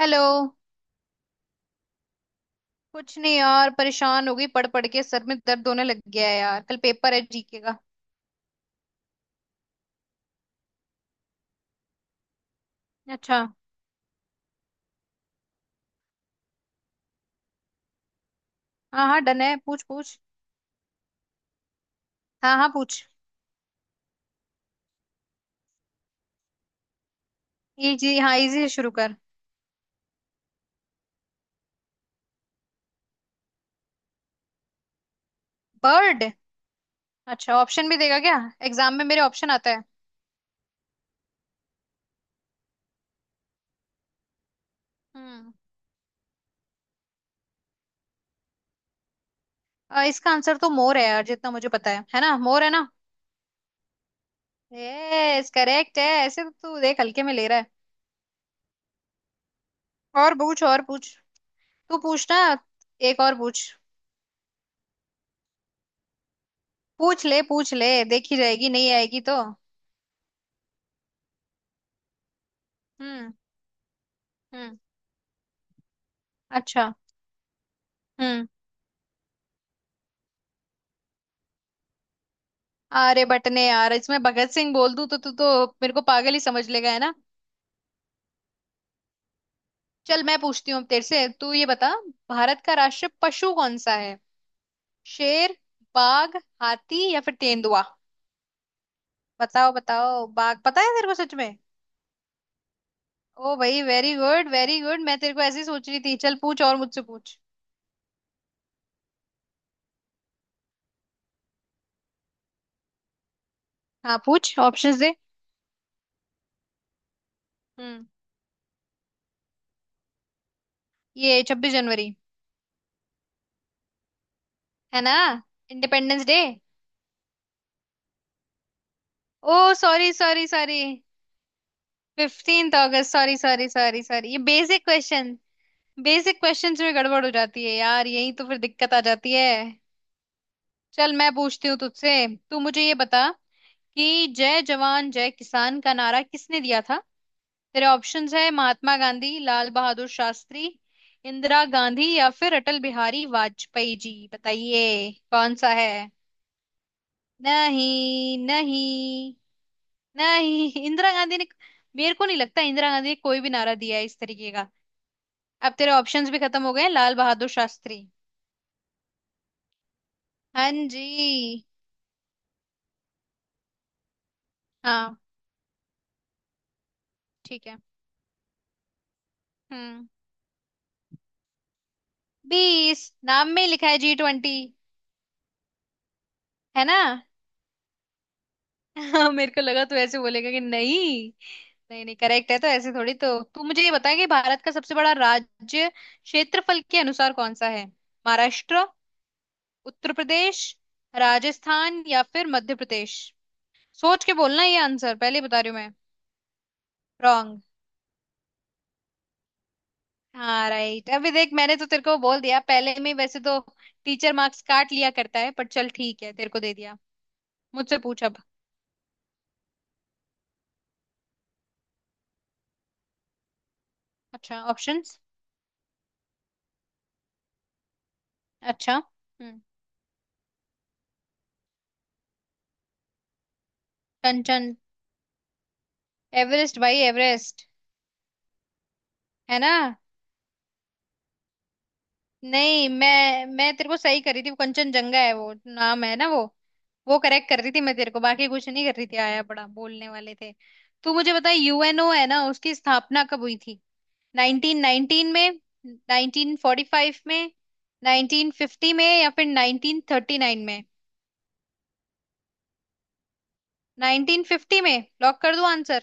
Hello. कुछ नहीं यार, परेशान हो गई पढ़ पढ़ के, सर में दर्द होने लग गया है यार। कल पेपर है जीके का। अच्छा। हाँ हाँ डन है, पूछ पूछ। हाँ हाँ पूछ। इजी, हाँ इजी से शुरू कर। बर्ड। अच्छा ऑप्शन भी देगा क्या? एग्जाम में मेरे ऑप्शन आता है। हम्म। इसका आंसर तो मोर है यार, जितना मुझे पता है ना? मोर है ना? यस करेक्ट है ऐसे तो। तू देख हल्के में ले रहा है। और पूछ और पूछ। तू पूछ ना। एक और पूछ। पूछ ले पूछ ले। देखी जाएगी, नहीं आएगी तो। हम्म। हम्म। अच्छा। हम्म। अरे बटने यार, इसमें भगत सिंह बोल दूं तो तू तो मेरे को पागल ही समझ लेगा, है ना? चल मैं पूछती हूँ अब तेरे से। तू ये बता, भारत का राष्ट्रीय पशु कौन सा है? शेर, बाघ, हाथी या फिर तेंदुआ। बताओ बताओ। बाघ? पता है तेरे को सच में? ओ भाई, वेरी गुड वेरी गुड। मैं तेरे को ऐसे ही सोच रही थी। चल पूछ और मुझसे पूछ। हाँ पूछ, ऑप्शंस दे। हम्म। ये 26 जनवरी, है ना? Independence day. Oh, sorry sorry sorry. 15 अगस्त, सॉरी सॉरी सॉरी सॉरी। ये बेसिक क्वेश्चन। बेसिक क्वेश्चंस में गड़बड़ हो जाती है यार, यही तो फिर दिक्कत आ जाती है। चल मैं पूछती हूँ तुझसे। तू मुझे ये बता कि जय जवान जय किसान का नारा किसने दिया था? तेरे ऑप्शंस है महात्मा गांधी, लाल बहादुर शास्त्री, इंदिरा गांधी या फिर अटल बिहारी वाजपेयी जी। बताइए कौन सा है? नहीं नहीं। नहीं, इंदिरा गांधी ने। मेरे को नहीं लगता इंदिरा गांधी ने कोई भी नारा दिया है इस तरीके का। अब तेरे ऑप्शंस भी खत्म हो गए हैं, लाल बहादुर शास्त्री। हाँ जी। हाँ ठीक है। हम्म। 20 नाम में ही लिखा है, G20। है ना? हाँ, मेरे को लगा तू ऐसे बोलेगा कि नहीं। नहीं नहीं, करेक्ट है तो ऐसे थोड़ी तो। तू मुझे ये बता कि भारत का सबसे बड़ा राज्य क्षेत्रफल के अनुसार कौन सा है? महाराष्ट्र, उत्तर प्रदेश, राजस्थान या फिर मध्य प्रदेश? सोच के बोलना, ये आंसर पहले ही बता रही हूँ मैं। रॉन्ग। हाँ राइट। अभी देख, मैंने तो तेरे को बोल दिया पहले में, वैसे तो टीचर मार्क्स काट लिया करता है, पर चल ठीक है, तेरे को दे दिया। मुझसे पूछ अब। अच्छा ऑप्शंस। अच्छा। हम्म। कंचन। एवरेस्ट भाई, एवरेस्ट। है ना? नहीं, मैं तेरे को सही कर रही थी, वो कंचनजंगा है वो नाम, है ना वो? वो करेक्ट कर रही थी मैं तेरे को, बाकी कुछ नहीं कर रही थी। आया बड़ा बोलने वाले थे। तू मुझे बता, यूएनओ है ना, उसकी स्थापना कब हुई थी? 1919 में, 1945 में, 1950 में या फिर 1939 में? 1950 में। लॉक कर दूं आंसर?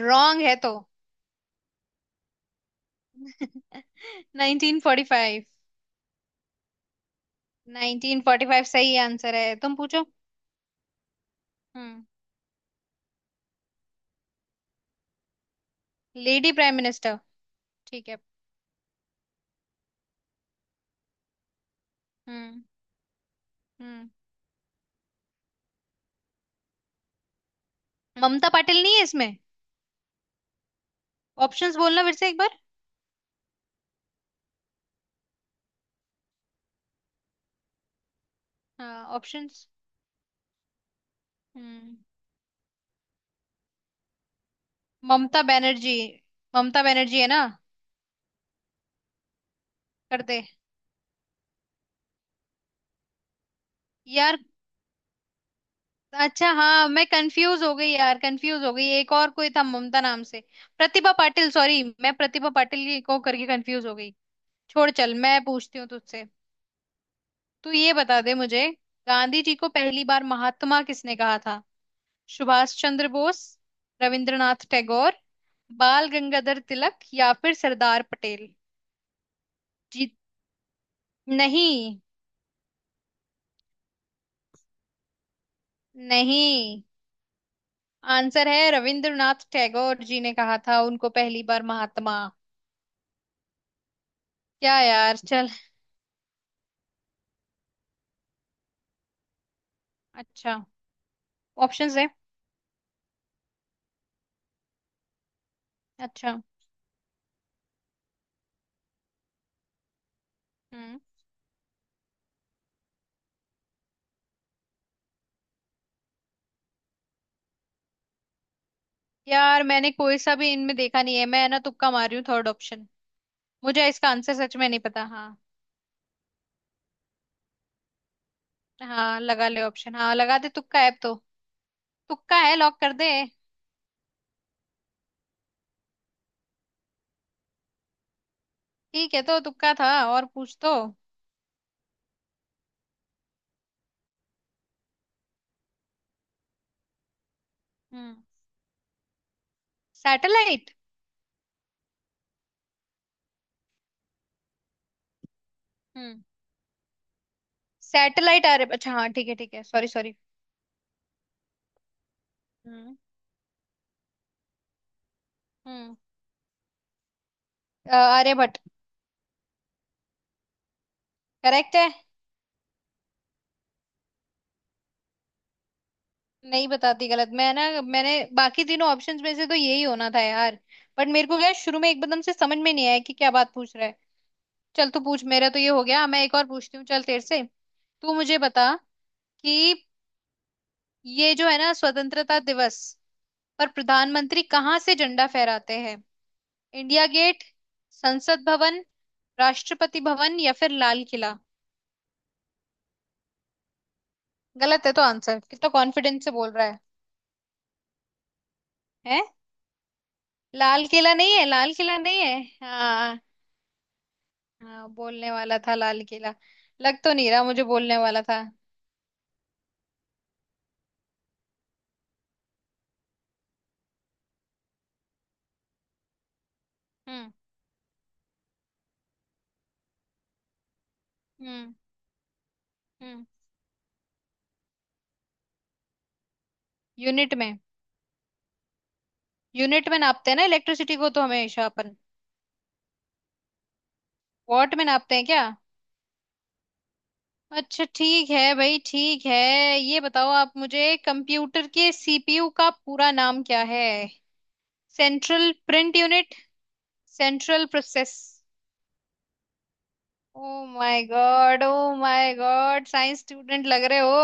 रॉन्ग है तो? 1945। 1945 सही आंसर है। तुम पूछो। हम्म। Lady prime minister. ठीक है। हम्म। हम्म। ममता पाटिल नहीं है इसमें? ऑप्शंस बोलना फिर से एक बार। हाँ ऑप्शंस। हम्म। ममता बनर्जी। ममता बनर्जी है ना? कर दे। यार, अच्छा हाँ मैं कंफ्यूज हो गई यार, कंफ्यूज हो गई, एक और कोई था ममता नाम से। प्रतिभा पाटिल, सॉरी, मैं प्रतिभा पाटिल को करके कंफ्यूज हो गई। छोड़, चल मैं पूछती हूँ तुझसे। तू ये बता दे मुझे, गांधी जी को पहली बार महात्मा किसने कहा था? सुभाष चंद्र बोस, रविंद्रनाथ टैगोर, बाल गंगाधर तिलक या फिर सरदार पटेल। जी नहीं। नहीं। आंसर है रविंद्रनाथ टैगोर जी ने कहा था उनको पहली बार महात्मा। क्या यार, चल। अच्छा, ऑप्शंस है। अच्छा। हम्म। यार, मैंने कोई सा भी इनमें देखा नहीं है, मैं ना तुक्का मार रही हूँ, थर्ड ऑप्शन। मुझे इसका आंसर सच में नहीं पता, हाँ। हाँ लगा ले ऑप्शन, हाँ लगा दे, तुक्का है अब तो। तुक्का है, लॉक कर दे। ठीक है, तो तुक्का था, और पूछ तो। हम्म। सैटेलाइट। हम्म। सैटेलाइट आर्य, अच्छा हाँ ठीक है ठीक है, सॉरी सॉरी। हम्म। हम्म। आर्यभट्ट। करेक्ट है। नहीं बताती गलत मैं ना। मैंने बाकी तीनों ऑप्शंस में से तो यही होना था यार। बट मेरे को क्या, शुरू में एकदम से समझ में नहीं आया कि क्या बात पूछ रहा है। चल तू पूछ, मेरा तो ये हो गया, मैं एक और पूछती हूँ चल तेरे से। तू मुझे बता कि ये जो है ना स्वतंत्रता दिवस पर प्रधानमंत्री कहाँ से झंडा फहराते हैं? इंडिया गेट, संसद भवन, राष्ट्रपति भवन या फिर लाल किला? गलत है तो आंसर, कितना कॉन्फिडेंस से बोल रहा है। हैं? लाल किला नहीं है, लाल किला नहीं है। हाँ। हाँ, बोलने वाला था लाल किला। लग तो नहीं रहा मुझे बोलने वाला था। हम्म। हम्म। हम्म। यूनिट में। यूनिट में नापते हैं ना इलेक्ट्रिसिटी को तो, हमेशा अपन। वॉट में नापते हैं क्या? अच्छा ठीक है भाई, ठीक है। ये बताओ आप मुझे, कंप्यूटर के सीपीयू का पूरा नाम क्या है? Central print unit. Central process. Oh my god. Oh my god, science student लग रहे हो।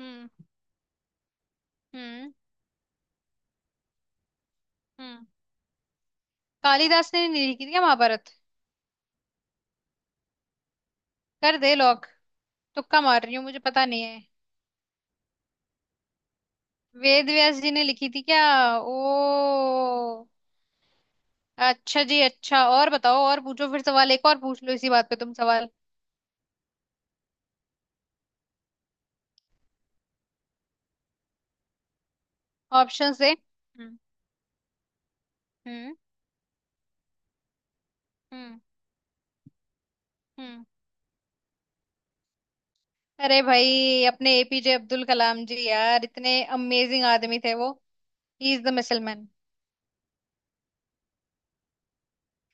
हम्म। हम्म। हम्म। कालिदास ने नहीं लिखी थी क्या महाभारत? कर दे लॉक। तुक्का मार रही हूँ, मुझे पता नहीं है। वेद व्यास जी ने लिखी थी क्या? ओ, अच्छा जी, अच्छा। और बताओ, और पूछो फिर सवाल, एक और पूछ लो इसी बात पे, तुम सवाल। ऑप्शन दे। हम्म। हम्म। हम्म। हम्म। अरे भाई, अपने एपीजे अब्दुल कलाम जी, यार इतने अमेजिंग आदमी थे वो। He is the missile man.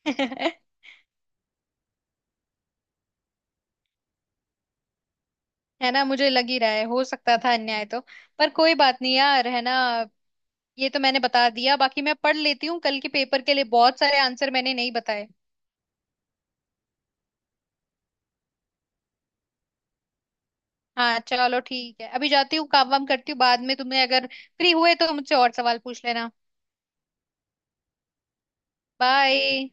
है ना? मुझे लग ही रहा है, हो सकता था अन्याय तो। पर कोई बात नहीं यार, है ना? ये तो मैंने बता दिया, बाकी मैं पढ़ लेती हूँ कल के पेपर के लिए, बहुत सारे आंसर मैंने नहीं बताए। हाँ चलो ठीक है, अभी जाती हूँ काम वाम करती हूँ, बाद में तुम्हें अगर फ्री हुए तो मुझसे और सवाल पूछ लेना। बाय।